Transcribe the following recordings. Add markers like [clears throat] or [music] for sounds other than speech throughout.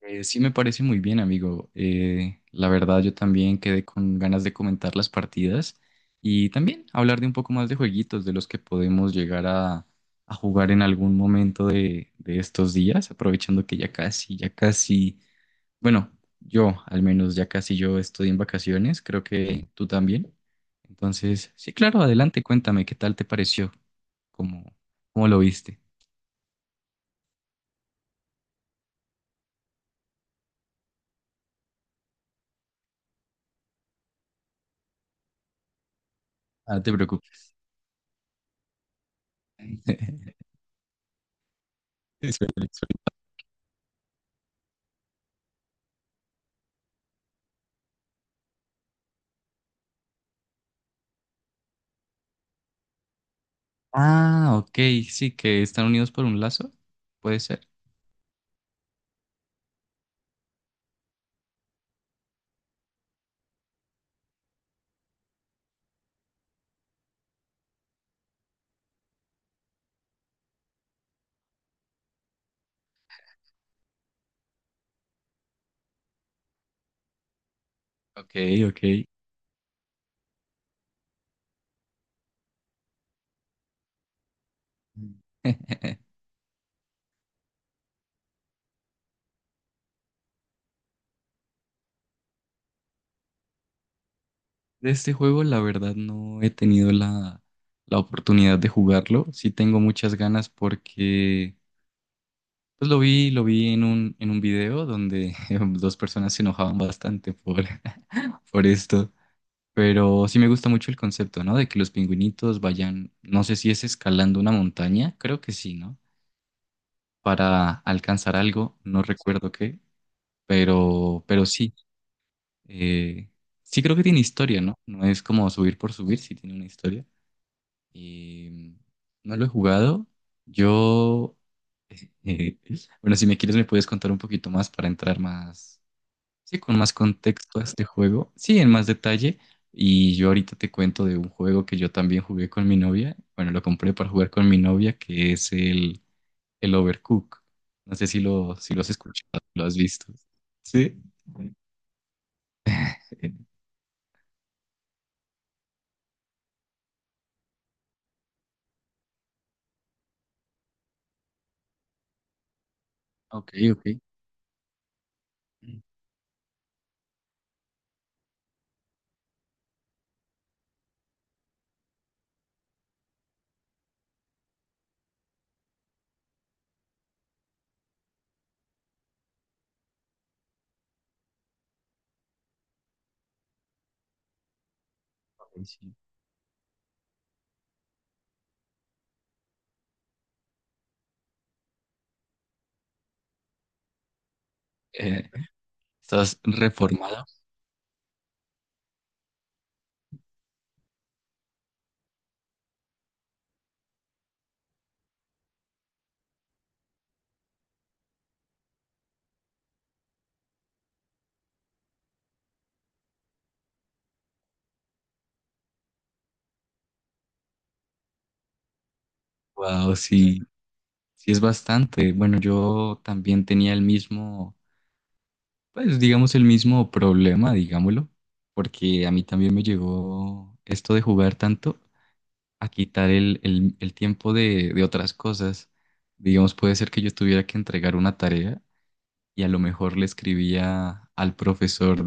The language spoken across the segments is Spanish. Sí me parece muy bien, amigo. La verdad, yo también quedé con ganas de comentar las partidas y también hablar de un poco más de jueguitos de los que podemos llegar a jugar en algún momento de estos días, aprovechando que ya casi, bueno, yo al menos ya casi yo estoy en vacaciones, creo que tú también. Entonces, sí, claro, adelante, cuéntame qué tal te pareció, cómo, cómo lo viste. Ah, no te preocupes. [laughs] Suele- Ah, ok, sí, que están unidos por un lazo, puede ser. Ok, ok. Mm. [laughs] De este juego, la verdad, no he tenido la oportunidad de jugarlo. Sí tengo muchas ganas porque pues lo vi en un video donde [laughs] dos personas se enojaban bastante [laughs] por esto. Pero sí me gusta mucho el concepto, ¿no? De que los pingüinitos vayan, no sé si es escalando una montaña, creo que sí, ¿no? Para alcanzar algo, no recuerdo qué. Pero sí, eh, sí creo que tiene historia, ¿no? No es como subir por subir, sí tiene una historia. Y no lo he jugado. Yo, eh, [laughs] bueno, si me quieres me puedes contar un poquito más para entrar más, sí, con más contexto a este juego. Sí, en más detalle. Y yo ahorita te cuento de un juego que yo también jugué con mi novia. Bueno, lo compré para jugar con mi novia, que es el Overcook. No sé si lo, si lo has escuchado, lo has visto. Sí. Ok, ok. Ay, sí. Eh, ¿estás reformado? Wow, sí, sí es bastante. Bueno, yo también tenía el mismo, pues digamos el mismo problema, digámoslo, porque a mí también me llegó esto de jugar tanto a quitar el, el tiempo de otras cosas. Digamos, puede ser que yo tuviera que entregar una tarea y a lo mejor le escribía al profesor.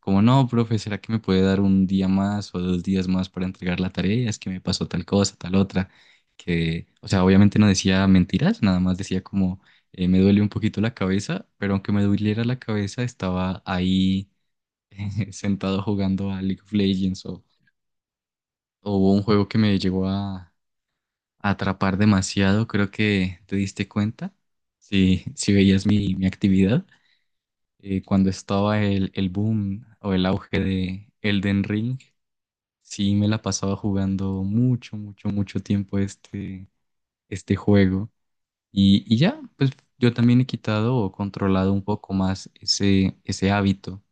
Como no, profe, ¿será que me puede dar un día más o dos días más para entregar la tarea? Es que me pasó tal cosa, tal otra. Que, o sea, obviamente no decía mentiras, nada más decía como me duele un poquito la cabeza, pero aunque me doliera la cabeza, estaba ahí [laughs] sentado jugando a League of Legends o hubo un juego que me llegó a atrapar demasiado. Creo que te diste cuenta, si, si veías mi, mi actividad, cuando estaba el boom o el auge de Elden Ring. Sí, me la pasaba jugando mucho, mucho, mucho tiempo este, este juego. Y ya, pues yo también he quitado o controlado un poco más ese, ese hábito.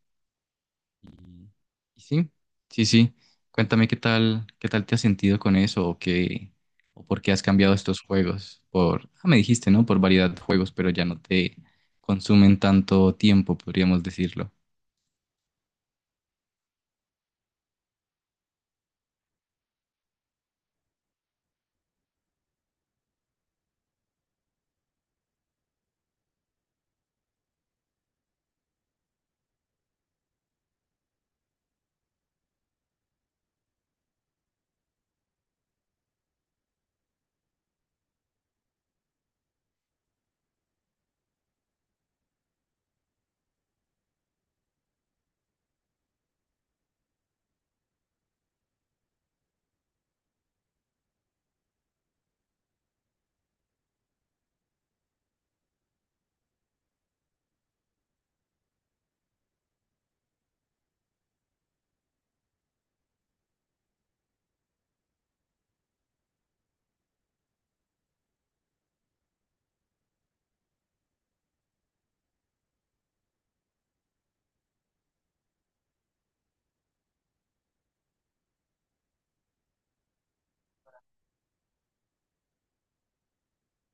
Y, y sí, sí, sí. Cuéntame qué tal te has sentido con eso o qué, o por qué has cambiado estos juegos. Por, ah, me dijiste, ¿no? Por variedad de juegos, pero ya no te consumen tanto tiempo, podríamos decirlo.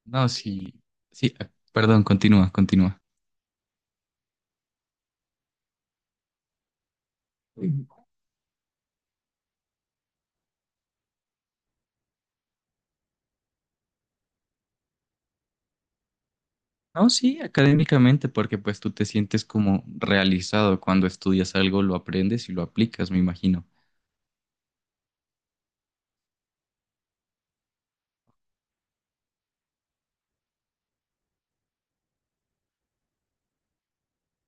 No, sí, sí, ah, perdón, continúa, continúa. No, sí, académicamente, porque pues tú te sientes como realizado cuando estudias algo, lo aprendes y lo aplicas, me imagino.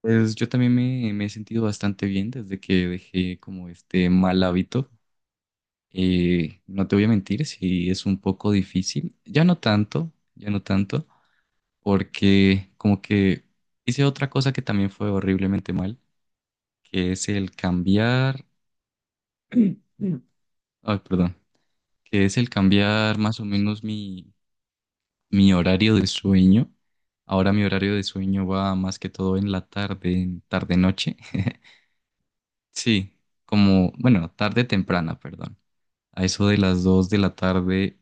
Pues yo también me he sentido bastante bien desde que dejé como este mal hábito. No te voy a mentir, sí es un poco difícil. Ya no tanto, porque como que hice otra cosa que también fue horriblemente mal, que es el cambiar... [clears throat] Ay, perdón. Que es el cambiar más o menos mi mi horario de sueño. Ahora mi horario de sueño va más que todo en la tarde, tarde-noche. [laughs] Sí, como, bueno, tarde temprana, perdón. A eso de las 2 de la tarde,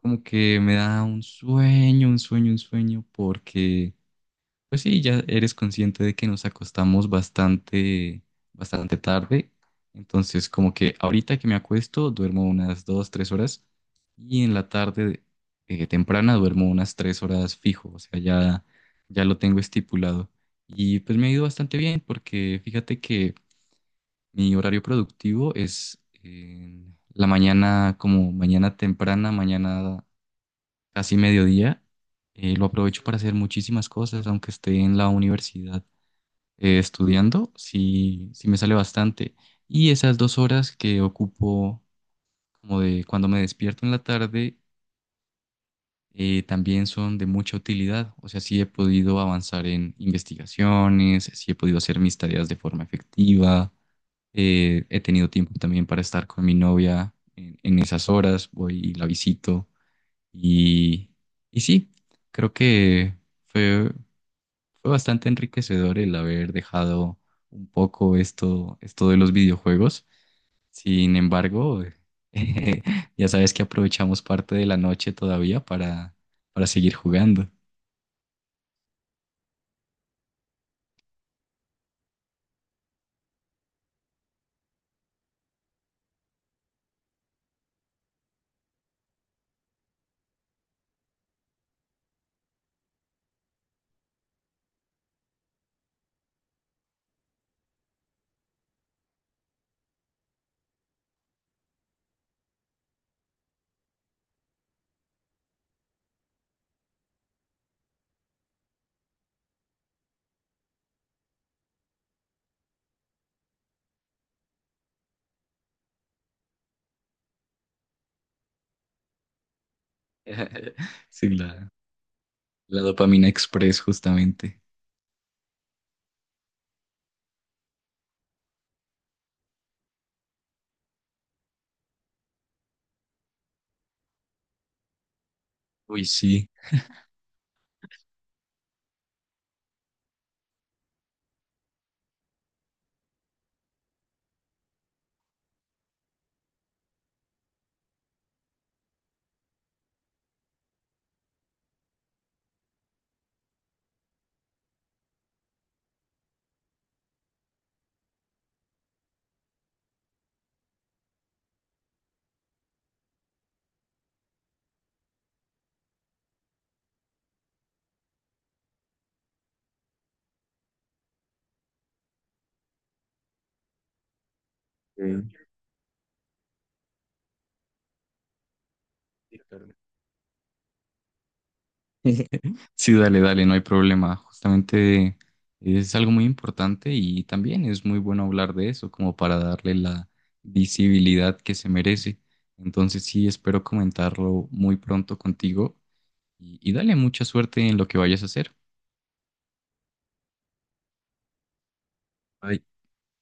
como que me da un sueño, un sueño, un sueño, porque pues sí, ya eres consciente de que nos acostamos bastante, bastante tarde. Entonces, como que ahorita que me acuesto, duermo unas 2, 3 horas. Y en la tarde temprana duermo unas 3 horas fijo. O sea, ya, ya lo tengo estipulado. Y pues me ha ido bastante bien porque fíjate que mi horario productivo es en la mañana, como mañana temprana, mañana casi mediodía. Lo aprovecho para hacer muchísimas cosas, aunque esté en la universidad estudiando, sí, sí me sale bastante. Y esas 2 horas que ocupo como de cuando me despierto en la tarde, también son de mucha utilidad. O sea, sí he podido avanzar en investigaciones, sí he podido hacer mis tareas de forma efectiva, he tenido tiempo también para estar con mi novia en esas horas, voy y la visito. Y, y sí, creo que fue... Fue bastante enriquecedor el haber dejado un poco esto, esto de los videojuegos. Sin embargo, [laughs] ya sabes que aprovechamos parte de la noche todavía para seguir jugando. [laughs] Sí, la dopamina express justamente. Uy, sí. Sí. [laughs] Sí, dale, dale, no hay problema. Justamente es algo muy importante y también es muy bueno hablar de eso, como para darle la visibilidad que se merece. Entonces sí, espero comentarlo muy pronto contigo y dale mucha suerte en lo que vayas a hacer. Bye.